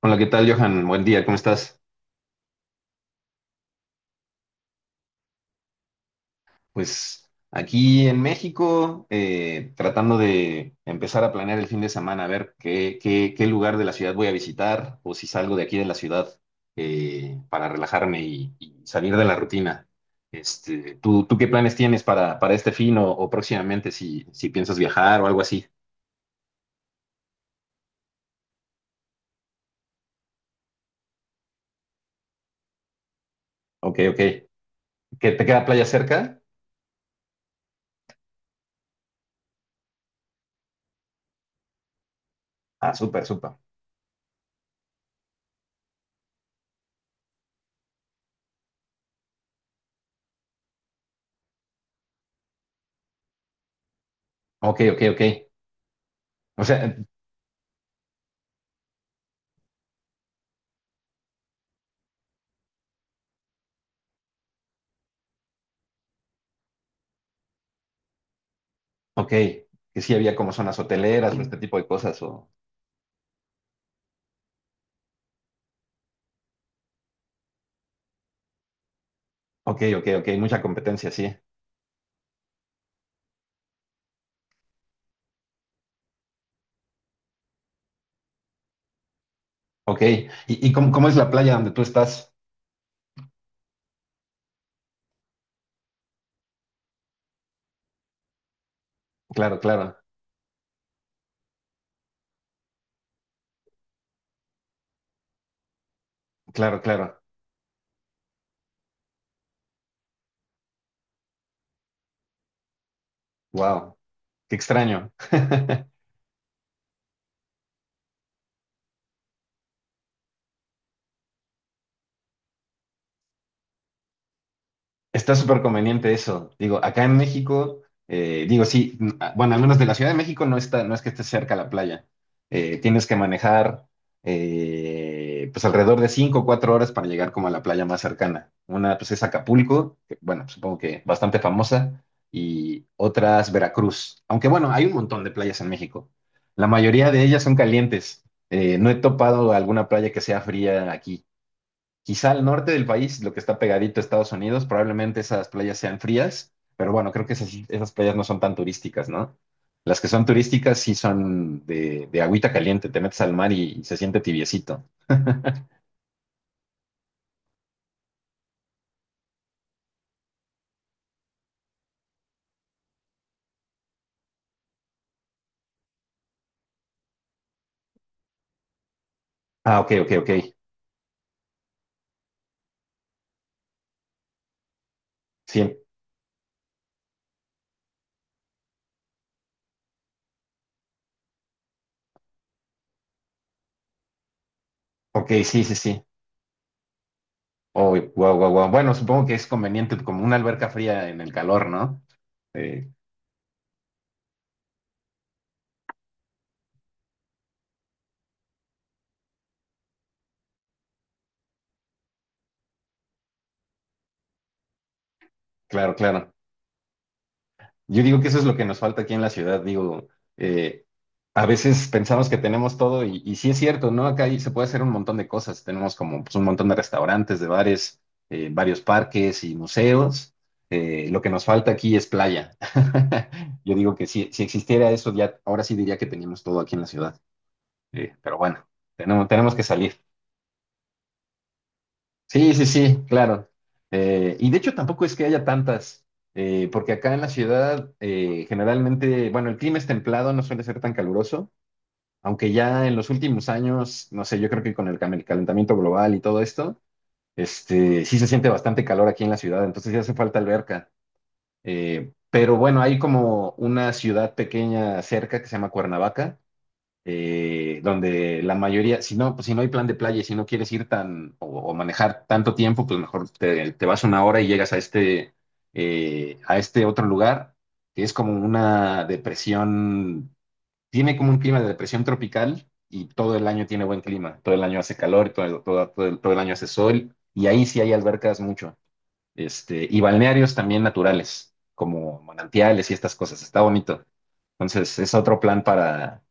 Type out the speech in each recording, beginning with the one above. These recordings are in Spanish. Hola, ¿qué tal, Johan? Buen día, ¿cómo estás? Pues aquí en México, tratando de empezar a planear el fin de semana, a ver qué lugar de la ciudad voy a visitar o si salgo de aquí de la ciudad para relajarme y salir de la rutina. Este, tú qué planes tienes para este fin o próximamente si piensas viajar o algo así? Ok, ok. ¿Que te queda playa cerca? Ah, súper, súper. Ok, ok, ok. O sea, ok, que sí había como zonas hoteleras o este tipo de cosas o... Ok, ok, ok, mucha competencia, sí. Ok, y cómo, ¿cómo es la playa donde tú estás? Claro, claro, claro, claro. Wow, qué extraño. Está súper conveniente eso. Digo, acá en México, digo, sí, n- a- bueno, al menos de la Ciudad de México no está, no es que esté cerca la playa. Tienes que manejar pues alrededor de 5, o 4 horas para llegar como a la playa más cercana. Una pues es Acapulco, que, bueno, supongo que bastante famosa, y otras Veracruz. Aunque bueno, hay un montón de playas en México. La mayoría de ellas son calientes. No he topado alguna playa que sea fría aquí. Quizá al norte del país, lo que está pegadito a Estados Unidos, probablemente esas playas sean frías, pero bueno, creo que esas playas no son tan turísticas, ¿no? Las que son turísticas sí son de agüita caliente, te metes al mar y se siente tibiecito. Ah, ok, ok, ok. Sí, ok, sí, sí, sí. Oh, wow, wow, wow. Bueno, supongo que es conveniente como una alberca fría en el calor, ¿no? Eh, claro, claro. Yo digo que eso es lo que nos falta aquí en la ciudad, digo, eh, a veces pensamos que tenemos todo y sí es cierto, ¿no? Acá hay- se puede hacer un montón de cosas, tenemos como pues, un montón de restaurantes, de bares, varios parques y museos. Lo que nos falta aquí es playa. Yo digo que si existiera eso, ya ahora sí diría que teníamos todo aquí en la ciudad. Pero bueno, tenemos, tenemos que salir. Sí, sí, sí, claro. Y de hecho tampoco es que haya tantas, porque acá en la ciudad generalmente, bueno, el clima es templado, no suele ser tan caluroso, aunque ya en los últimos años, no sé, yo creo que con el el calentamiento global y todo esto, este, sí se siente bastante calor aquí en la ciudad, entonces ya hace falta alberca. Pero bueno, hay como una ciudad pequeña cerca que se llama Cuernavaca donde la mayoría, si no, pues, si no hay plan de playa y si no quieres ir tan o manejar tanto tiempo, pues mejor te vas una hora y llegas a este otro lugar, que es como una depresión, tiene como un clima de depresión tropical y todo el año tiene buen clima, todo el año hace calor, todo el año hace sol y ahí sí hay albercas mucho este, y balnearios también naturales, como manantiales y estas cosas. Está bonito. Entonces, es otro plan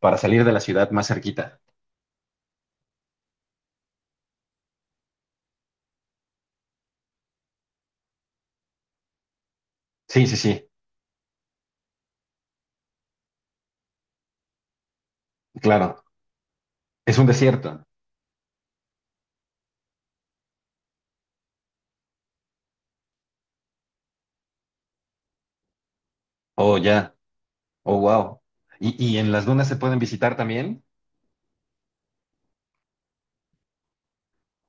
para salir de la ciudad más cerquita. Sí, sí, sí, claro. Es un desierto. Oh, ya. Oh, wow. Y en las dunas se pueden visitar también?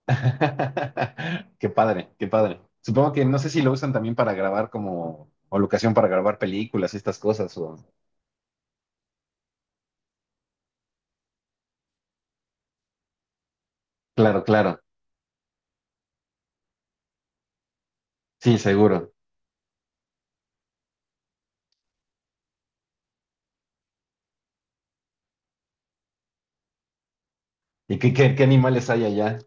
Qué padre, qué padre. Supongo que no sé si lo usan también para grabar como, o locación para grabar películas y estas cosas. O... Claro, claro. Sí, seguro. ¿Y qué animales hay allá?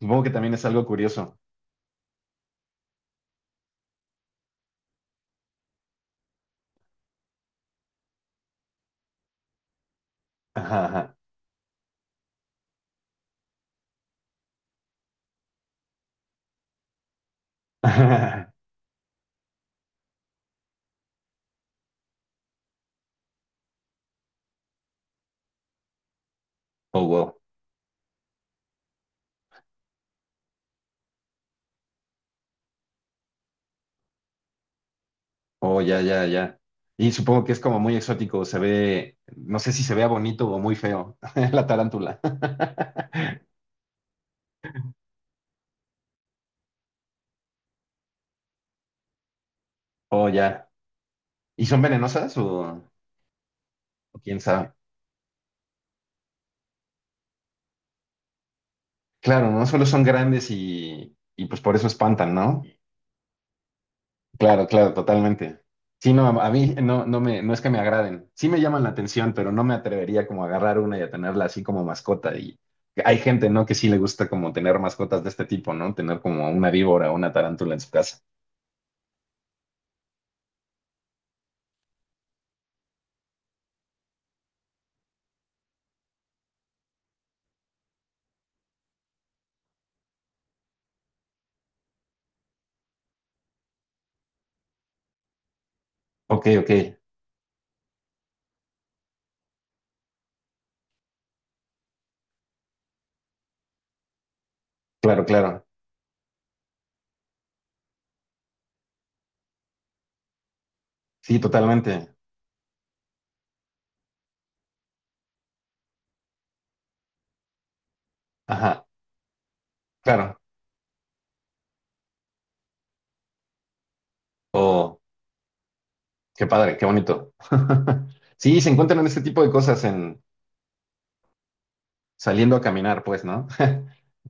Supongo que también es algo curioso. Ajá, ajá. Oh, wow. Oh, ya, ya, ya. Y supongo que es como muy exótico, se ve, no sé si se vea bonito o muy feo, la tarántula. Oh, ya. ¿Y son venenosas o quién sabe? Claro, ¿no? Solo son grandes y pues por eso espantan, ¿no? Claro, claro, totalmente. Sí, no, a mí no, no me, no es que me agraden. Sí me llaman la atención, pero no me atrevería como a agarrar una y a tenerla así como mascota. Y hay gente, ¿no? Que sí le gusta como tener mascotas de este tipo, ¿no? Tener como una víbora o una tarántula en su casa. Ok, ok, claro, claro. Sí, totalmente. Ajá, claro. Oh, qué padre, qué bonito. Sí, se encuentran este tipo de cosas en saliendo a caminar, pues, ¿no?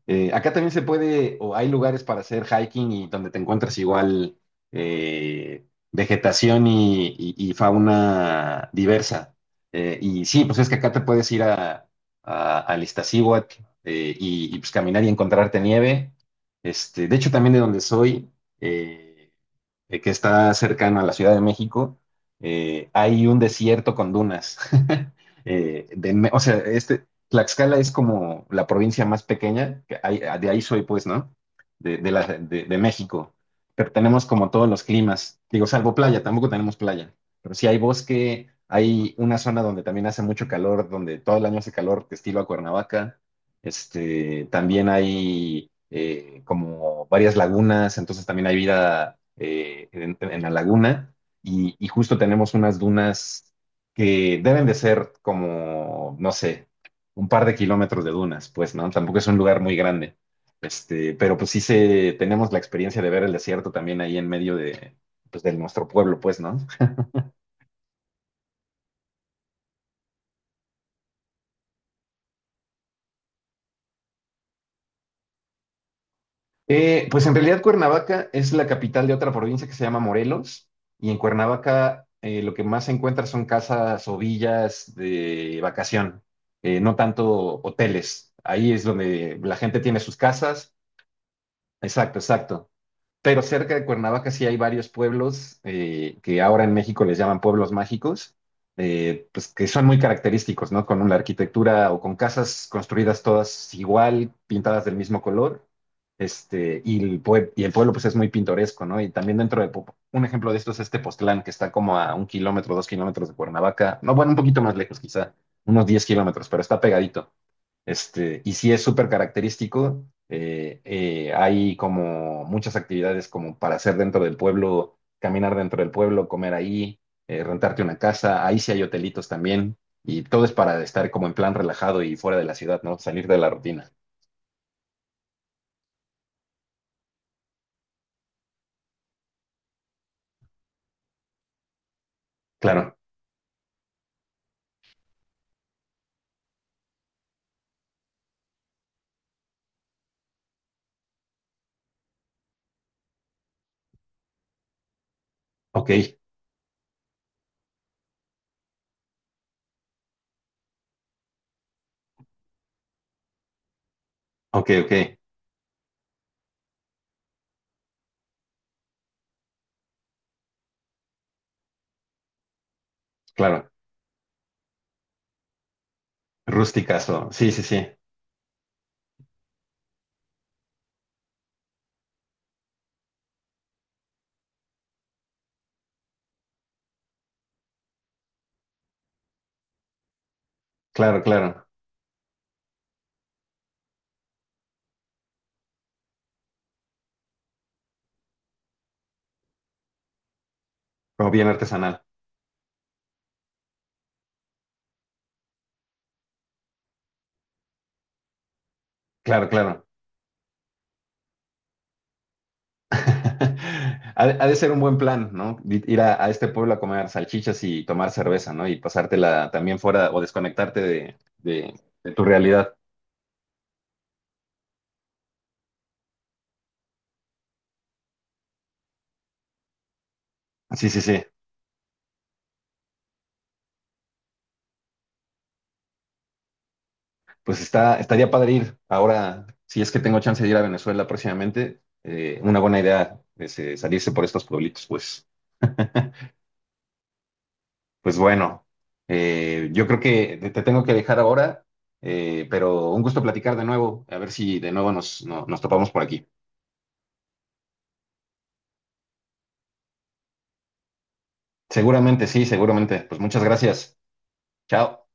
Acá también se puede, o hay lugares para hacer hiking y donde te encuentras igual eh, vegetación y fauna diversa. Y sí, pues es que acá te puedes ir a, al Iztaccíhuatl, y, pues caminar y encontrarte nieve. Este, de hecho, también de donde soy, eh, que está cercano a la Ciudad de México, hay un desierto con dunas. De o sea, este, Tlaxcala es como la provincia más pequeña, que hay- de ahí soy pues, ¿no? De, de México. Pero tenemos como todos los climas, digo, salvo playa, tampoco tenemos playa, pero sí hay bosque, hay una zona donde también hace mucho calor, donde todo el año hace calor, estilo a Cuernavaca. Este, también hay como varias lagunas, entonces también hay vida en la laguna y justo tenemos unas dunas que deben de ser como, no sé, un par de kilómetros de dunas, pues, ¿no? Tampoco es un lugar muy grande. Este, pero pues sí se, tenemos la experiencia de ver el desierto también ahí en medio de, pues, de nuestro pueblo, pues, ¿no? Pues en realidad Cuernavaca es la capital de otra provincia que se llama Morelos y en Cuernavaca lo que más se encuentra son casas o villas de vacación, no tanto hoteles. Ahí es donde la gente tiene sus casas. Exacto, exacto. Pero cerca de Cuernavaca sí hay varios pueblos que ahora en México les llaman pueblos mágicos, pues que son muy característicos, ¿no? Con la arquitectura o con casas construidas todas igual, pintadas del mismo color, este, y y el pueblo pues es muy pintoresco, ¿no? Y también dentro de, un ejemplo de esto es este Postlán, que está como a un kilómetro, dos kilómetros de Cuernavaca, no, bueno, un poquito más lejos quizá, unos 10 kilómetros, pero está pegadito. Este, y sí es súper característico. Hay como muchas actividades como para hacer dentro del pueblo, caminar dentro del pueblo, comer ahí, rentarte una casa. Ahí sí hay hotelitos también. Y todo es para estar como en plan relajado y fuera de la ciudad, ¿no? Salir de la rutina. Claro. Ok, ok, ok. Claro. Rusticazo. Sí, sí, sí. Claro, claro. Como bien artesanal. Claro, claro. Ha ha de ser un buen plan, ¿no? Ir a este pueblo a comer salchichas y tomar cerveza, ¿no? Y pasártela también fuera o desconectarte de tu realidad. Sí, sí, sí. Pues está, estaría padre ir. Ahora, si es que tengo chance de ir a Venezuela próximamente, una buena idea es salirse por estos pueblitos. Pues, pues bueno, yo creo que te tengo que dejar ahora, pero un gusto platicar de nuevo. A ver si de nuevo nos, nos topamos por aquí. Seguramente, sí, seguramente. Pues muchas gracias. Chao.